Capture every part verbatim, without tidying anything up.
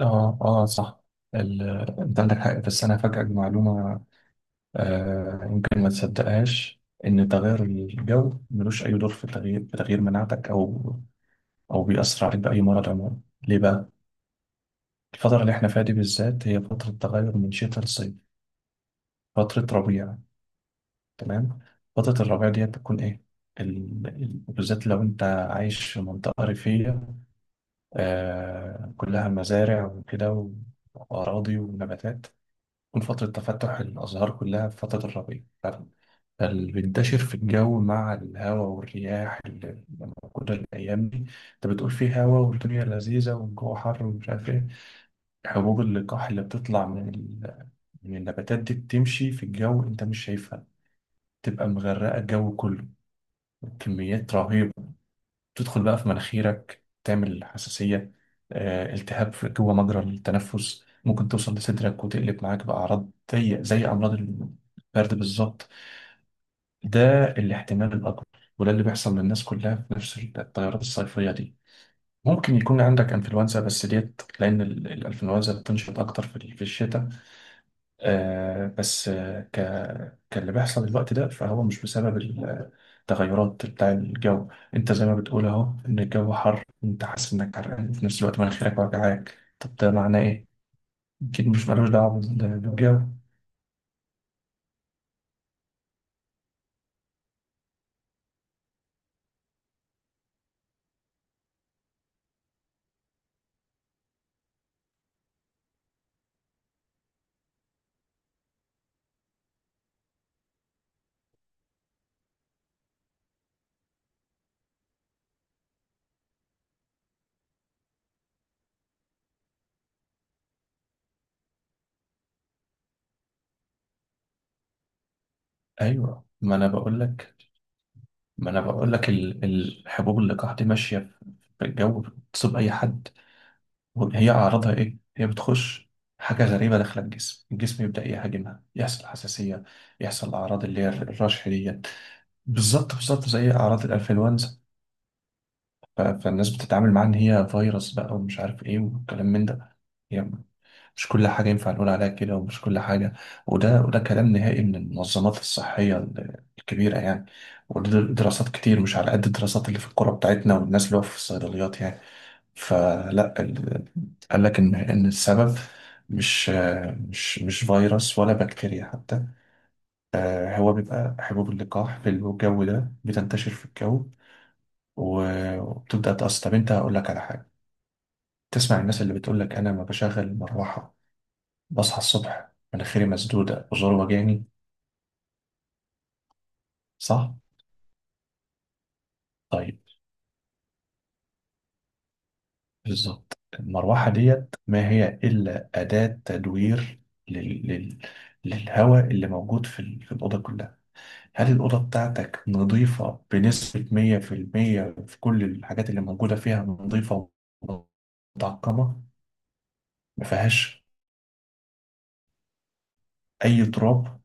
اه اه صح. ال... انت عندك حق، بس انا هفاجئك بمعلومه. آه يمكن ما تصدقهاش ان تغير الجو ملوش اي دور في تغيير في تغيير مناعتك او او بيأثر عليك باي مرض عموما. ليه بقى؟ الفتره اللي احنا فيها دي بالذات هي فتره تغير من شتاء لصيف، فتره ربيع. تمام. فتره الربيع دي بتكون ايه؟ ال- ال- بالذات لو انت عايش في منطقه ريفيه، آه كلها مزارع وكده و- واراضي ونباتات، تكون فترة تفتح الأزهار كلها في فترة الربيع. فاللي بينتشر في الجو مع الهواء والرياح اللي موجودة الأيام دي، أنت بتقول فيه هوا والدنيا لذيذة والجو حر ومش عارف إيه، حبوب اللقاح اللي بتطلع من ال... من النباتات دي بتمشي في الجو، أنت مش شايفها، تبقى مغرقة الجو كله، كميات رهيبة، تدخل بقى في مناخيرك تعمل حساسية، آه، التهاب في- جوه مجرى التنفس، ممكن توصل لصدرك وتقلب معاك بأعراض زي زي أمراض البرد بالظبط. ده الاحتمال الأكبر، وده اللي بيحصل للناس كلها في نفس الطيارات الصيفية دي. ممكن يكون عندك انفلونزا بس ديت، لأن ال- الانفلونزا بتنشط أكتر في الشتاء، آه، بس آه، ك... كاللي بيحصل الوقت ده، فهو مش بسبب التغيرات بتاع الجو. انت زي ما بتقول اهو ان الجو حر، انت حاسس انك حرقان في نفس الوقت، مناخيرك وجعاك، طب ده معناه ايه؟ اكيد مش ملوش دعوه بال- بالجو. ايوه، ما انا بقول لك ما انا بقول لك ال- الحبوب اللقاح دي ماشيه في الجو، بتصيب اي حد. هي اعراضها ايه؟ هي بتخش حاجه غريبه داخله الجسم، الجسم يبدا يهاجمها، يحصل حساسيه، يحصل اعراض اللي هي الرشح دي، بالظبط بالظبط زي اعراض الانفلونزا. ف- فالناس بتتعامل معاها ان هي فيروس بقى ومش عارف ايه والكلام من ده، يعني مش كل حاجه ينفع نقول عليها كده، ومش كل حاجه. وده وده كلام نهائي من المنظمات الصحيه ال- الكبيره يعني، وده دراسات كتير، مش على قد الدراسات اللي في القرى بتاعتنا والناس اللي هو في الصيدليات يعني. فلا ال- قال لك ان ان السبب مش مش مش فيروس ولا بكتيريا حتى، آه، هو بيبقى حبوب اللقاح في الجو ده، بتنتشر في الجو و- وبتبدأ تقص. طب انت هقول لك على حاجة، تسمع الناس اللي بتقول لك انا ما بشغل المروحة، بصحى الصبح مناخيري مسدودة وزور وجاني. صح؟ طيب. بالظبط المروحة ديت ما هي إلا أداة تدوير لل... لل... للهواء اللي موجود في, ال... في الأوضة كلها. هل الأوضة بتاعتك نظيفة بنسبة مية في المية في المية، في كل الحاجات اللي موجودة فيها، نظيفة ومتعقمة، ما فيهاش أي تراب؟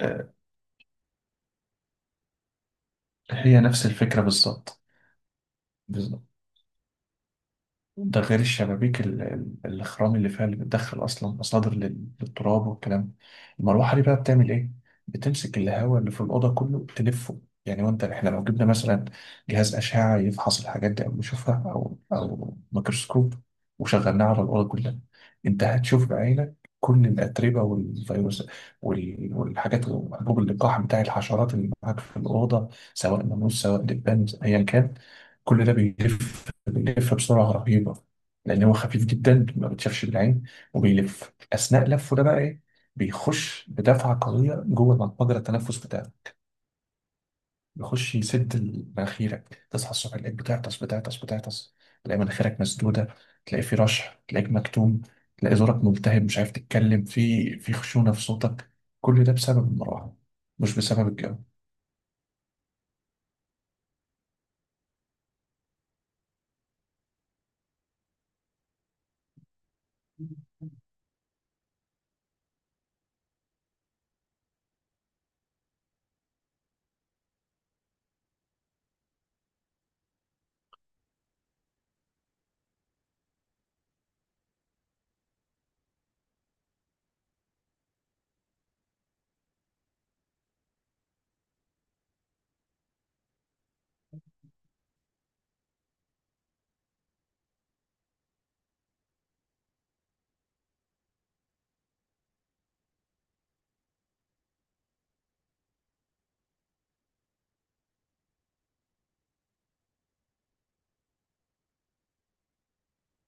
آه، هي نفس الفكرة بالظبط. ده غير الشبابيك ال- ال- الخرام اللي فيها، اللي بتدخل اصلا مصادر لل- للتراب والكلام. المروحه دي بقى بتعمل ايه؟ بتمسك الهواء اللي في الاوضه كله تلفه يعني، وانت احنا لو جبنا مثلا جهاز اشعه يفحص الحاجات دي او يشوفها، او او ميكروسكوب، وشغلناه على الاوضه كلها، انت هتشوف بعينك كل الاتربه والفيروس وال- والحاجات، حبوب اللقاح بتاع الحشرات اللي معاك في الاوضه، سواء ناموس سواء دبان ايا كان، كل ده بيلف، بيلف بسرعة رهيبة، لأن هو خفيف جدا ما بتشافش بالعين. وبيلف، أثناء لفه ده بقى إيه؟ بيخش بدفعة قوية جوه مجرى التنفس بتاعه، بيخش يسد مناخيرك، تصحى الصبح تلاقيك بتعطس بتعطس بتعطس، تلاقي مناخيرك مسدودة، تلاقي في رشح، تلاقيك مكتوم، تلاقي زورك ملتهب، مش عارف تتكلم، في في خشونة في صوتك. كل ده بسبب المروحة، مش بسبب الجو.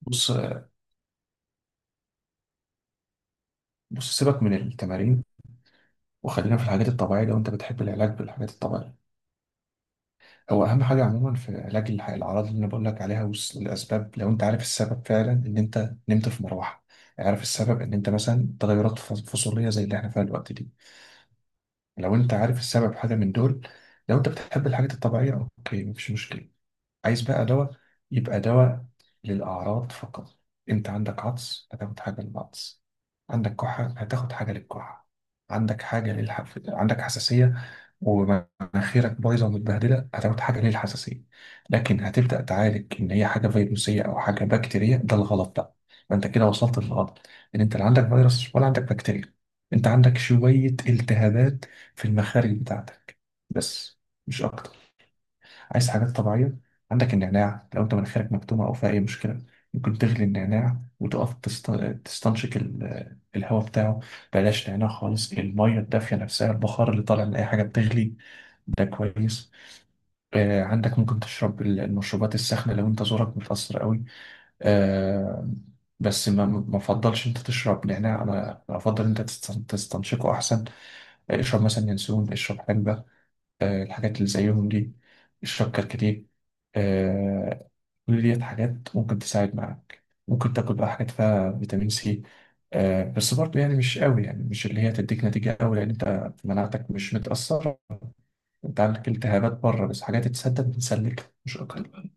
بص، بص سيبك من التمارين، وخلينا في الحاجات الطبيعية، لو أنت بتحب العلاج بالحاجات الطبيعية. هو اهم حاجه عموما في علاج الح- الاعراض اللي انا بقول لك عليها والس- والاسباب، لو انت عارف السبب فعلا ان انت نمت في مروحه، عارف السبب ان انت مثلا تغيرات فص- فصوليه زي اللي احنا فيها الوقت دي، لو انت عارف السبب حاجه من دول، لو انت بتحب الحاجات الطبيعيه، اوكي مفيش مشكله. عايز بقى دواء؟ يبقى دواء للأعراض فقط. أنت عندك عطس، هتاخد حاجة للعطس، عندك كحة هتاخد حاجة للكحة، عندك حاجة للحف... عندك حساسية ومناخيرك بايظة ومتبهدلة، هتاخد حاجة للحساسية، لكن هتبدأ تعالج إن هي حاجة فيروسية أو حاجة بكتيرية، ده الغلط بقى. فأنت كده وصلت للغلط، إن أنت لا عندك فيروس ولا عندك بكتيريا، أنت عندك شوية التهابات في المخارج بتاعتك بس، مش أكتر. عايز حاجات طبيعية؟ عندك النعناع، لو انت مناخيرك مكتومة او فيها اي مشكلة، ممكن تغلي النعناع وتقف تست- تستنشق ال- الهواء بتاعه. بلاش نعناع خالص، المية الدافية نفسها، البخار اللي طالع من اي حاجة بتغلي، ده كويس. آه، عندك ممكن تشرب ال- المشروبات الساخنة لو انت زورك متأثر قوي، آه، بس ما ما افضلش انت تشرب نعناع، انا افضل انت تست- تستنشقه احسن. آه، اشرب مثلا ينسون، اشرب حلبة، آه، الحاجات اللي زيهم دي، الشبكة الكتيب، آه، كل ديت حاجات ممكن تساعد معاك. ممكن تاكل بقى حاجات فيها فيتامين سي، آه، بس برضه يعني مش قوي، يعني مش اللي هي تديك نتيجة قوي، لأن أنت مناعتك مش متأثرة، أنت عندك التهابات بره بس، حاجات تسدد بتسلك، مش أكتر.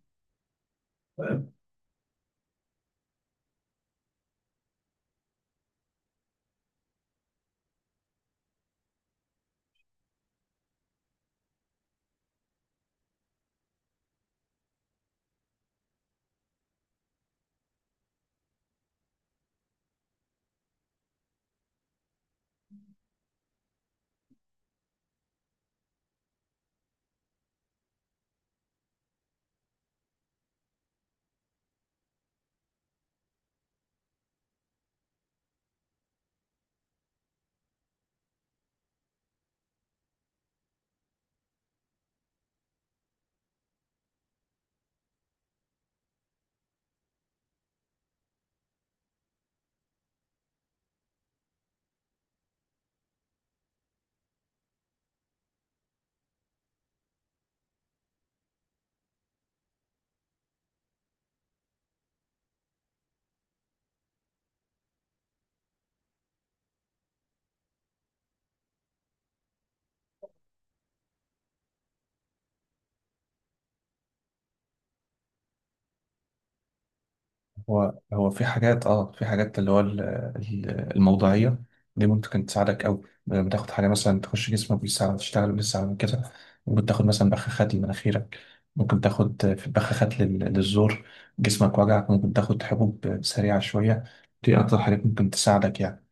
هو هو في حاجات، اه في حاجات اللي هو ال- ال- الموضوعية دي ممكن تساعدك أوي، لما تاخد حاجة مثلا تخش جسمك بيساعد، تشتغل بيساعد من كده. ممكن تاخد مثلا بخاخات لمناخيرك، ممكن تاخد في بخاخات لل- للزور، جسمك وجعك ممكن تاخد حبوب سريعة شوية، دي أكتر حاجات ممكن تساعدك يعني.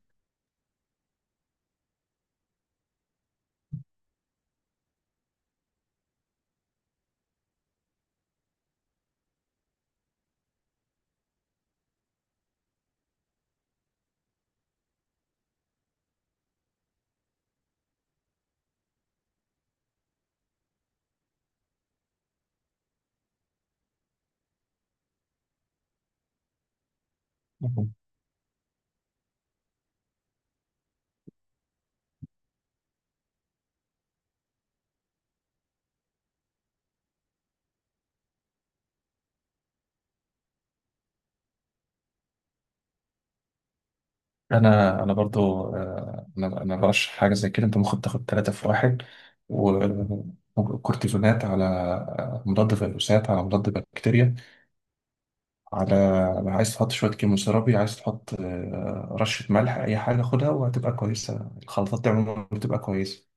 مهم. أنا أنا برضو، آه، أنا أنا برشح حاجة زي كده، أنت ممكن تاخد تلاتة في واحد وكورتيزونات، على آه، مضاد فيروسات، على مضاد بكتيريا، على عايز تحط شوية كيموثيرابي، عايز تحط آه، رشة ملح، أي حاجة خدها وهتبقى كويسة، الخلطات دي عموما بتبقى كويسة.